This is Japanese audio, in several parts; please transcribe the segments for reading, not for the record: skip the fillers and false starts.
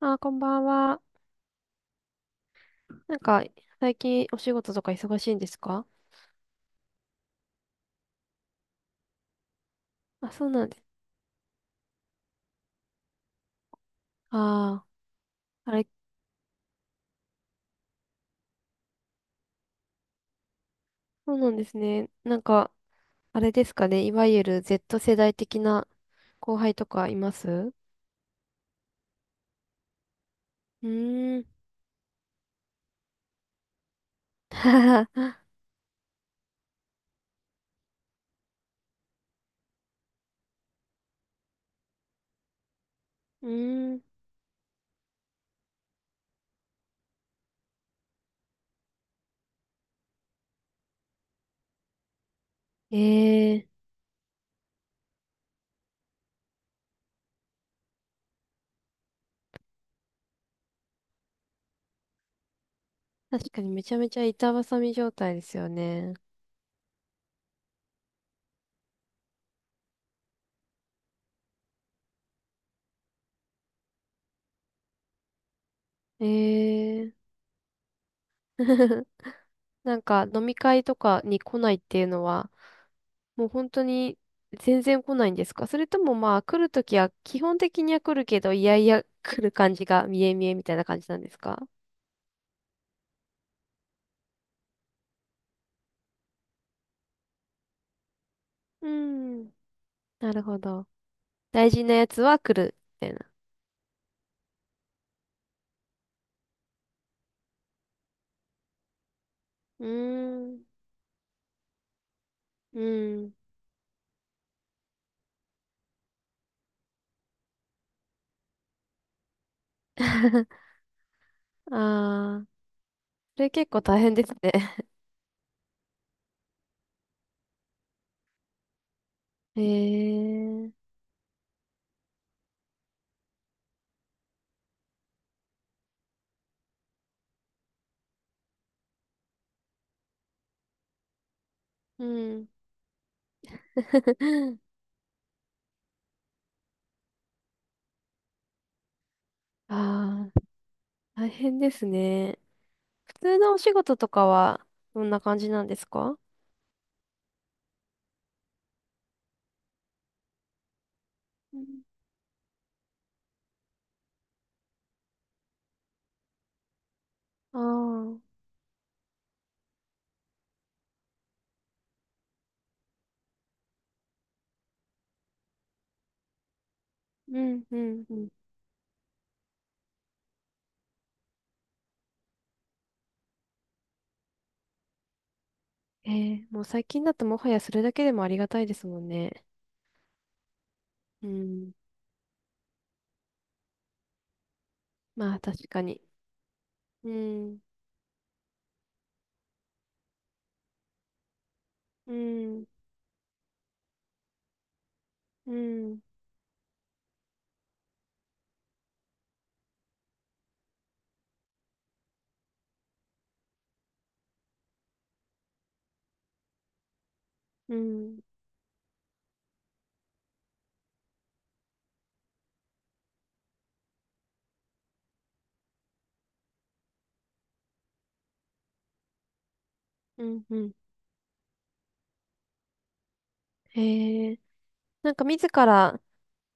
あー、こんばんは。なんか、最近お仕事とか忙しいんですか？あ、そうなんです。ああ、あれ、そうなんですね。なんか、あれですかね。いわゆる Z 世代的な後輩とかいます？うーん。うーん。ええー。確かにめちゃめちゃ板挟み状態ですよね。ええ。 なんか飲み会とかに来ないっていうのは、もう本当に全然来ないんですか？それともまあ来るときは基本的には来るけど、いやいや来る感じが見え見えみたいな感じなんですか？うーん。なるほど。大事なやつは来るみたいな。うーん。うーん。ああ、それ結構大変ですね。へえ。うん。ああ、大変ですね。普通のお仕事とかはどんな感じなんですか？ああー、うんうんうん。ええ、もう最近だともはやそれだけでもありがたいですもんね。うん。まあ確かに。うん、うん、うん、うん、うん、うん。へえ。なんか自ら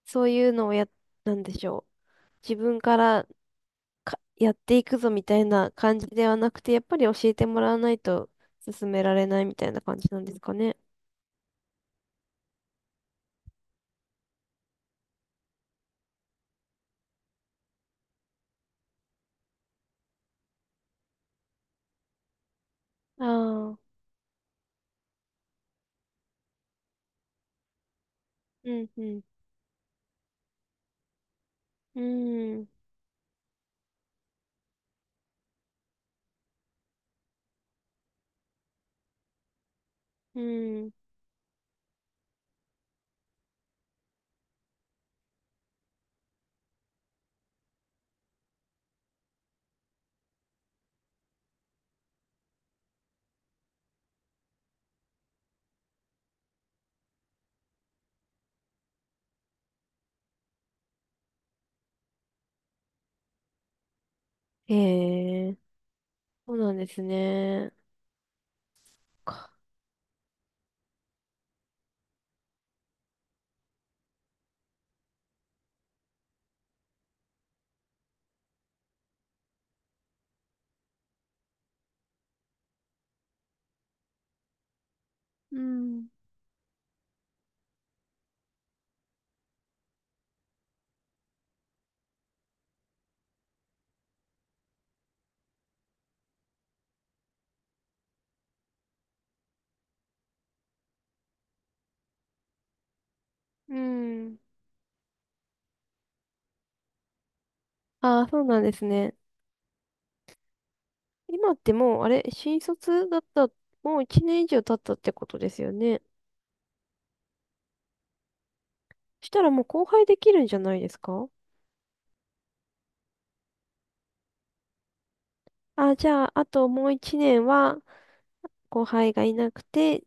そういうのをや、なんでしょう。自分からかやっていくぞみたいな感じではなくて、やっぱり教えてもらわないと進められないみたいな感じなんですかね。ああ、うん、うん、うん。うん。へえ、そうなんですね。か、うん。うん。ああ、そうなんですね。今ってもう、あれ、新卒だった、もう1年以上経ったってことですよね。そしたらもう後輩できるんじゃないですか？あ、じゃあ、あともう1年は後輩がいなくて、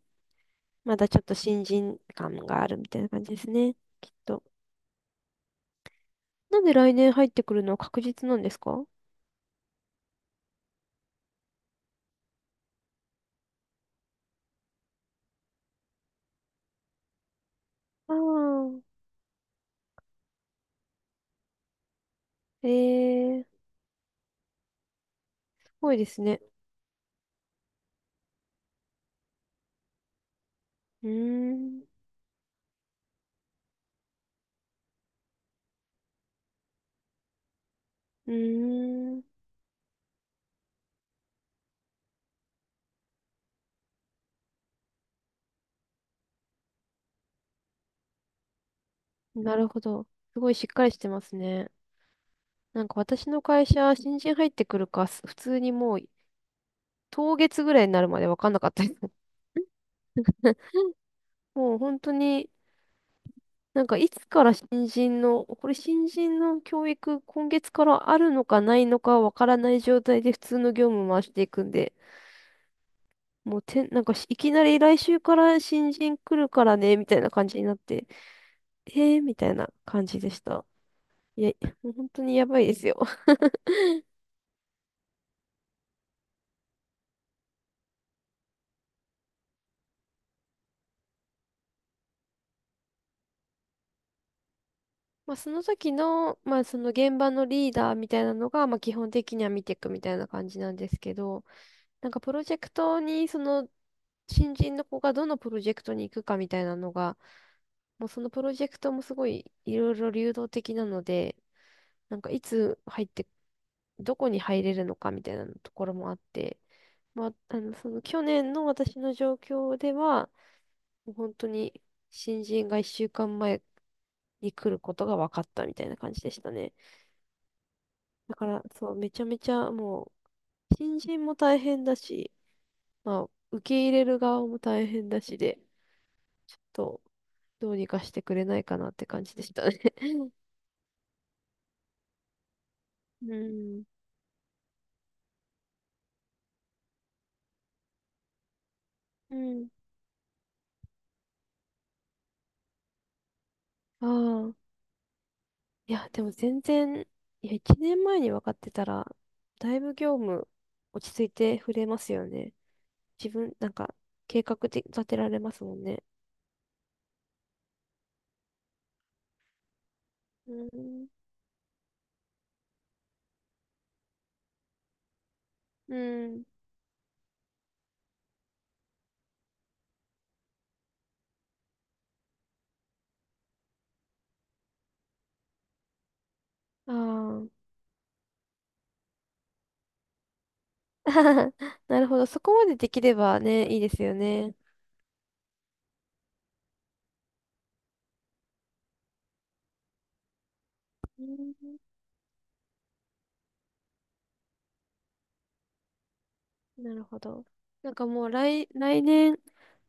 まだちょっと新人感があるみたいな感じですね。きっと。なんで来年入ってくるのは確実なんですか？ああー、ええ、すごいですね。うーん。うーん。なるほど。すごいしっかりしてますね。なんか私の会社、新人入ってくるか、す普通にもう、当月ぐらいになるまで分かんなかったです。もう本当に、なんかいつから新人の、これ新人の教育、今月からあるのかないのか分からない状態で普通の業務回していくんで、もうてん、なんかしいきなり来週から新人来るからね、みたいな感じになって、えーみたいな感じでした。いや、もう本当にやばいですよ。まあ、その時の、まあ、その現場のリーダーみたいなのが、まあ、基本的には見ていくみたいな感じなんですけど、なんかプロジェクトに、その、新人の子がどのプロジェクトに行くかみたいなのが、もうそのプロジェクトもすごいいろいろ流動的なので、なんかいつ入って、どこに入れるのかみたいなところもあって、まあ、あの、その去年の私の状況では、もう本当に新人が1週間前に来ることが分かったみたいな感じでしたね。だから、そう、めちゃめちゃもう、新人も大変だし、まあ、受け入れる側も大変だしで、ちょっと、どうにかしてくれないかなって感じでしたね。うん。うん。ああ。いや、でも全然、いや、1年前に分かってたら、だいぶ業務落ち着いて触れますよね。自分、なんか、計画で立てられますもんね。うん。うん。ああ。なるほど。そこまでできればね、いいですよね。うん、なるほど。なんかもう来、来年、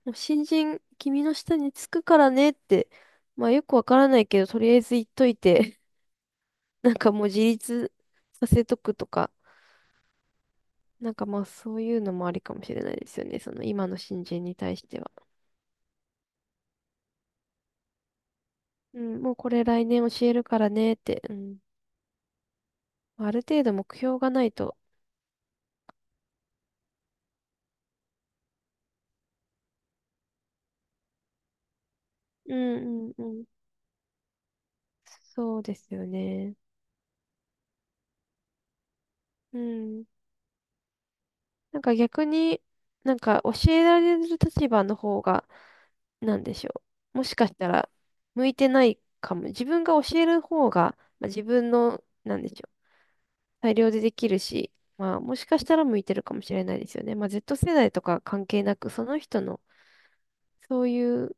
もう新人、君の下につくからねって、まあよくわからないけど、とりあえず言っといて、なんかもう自立させとくとか、なんかまあそういうのもありかもしれないですよね。その今の新人に対しては。うん、もうこれ来年教えるからねって、うん。ある程度目標がないと。うんうんうん。そうですよね。うん。なんか逆に、なんか教えられる立場の方が、なんでしょう。もしかしたら、向いてないかも。自分が教える方が、まあ、自分の、なんでしょう。裁量でできるし、まあ、もしかしたら向いてるかもしれないですよね。まあ、Z 世代とか関係なく、その人の、そういう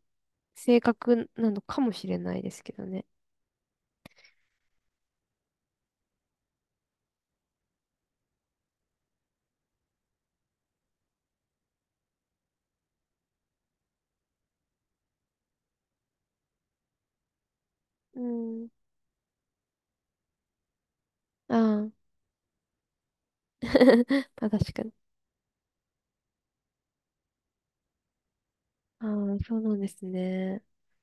性格なのかもしれないですけどね。うん。ああ。まあ、確かに。ああ、そうなんですね。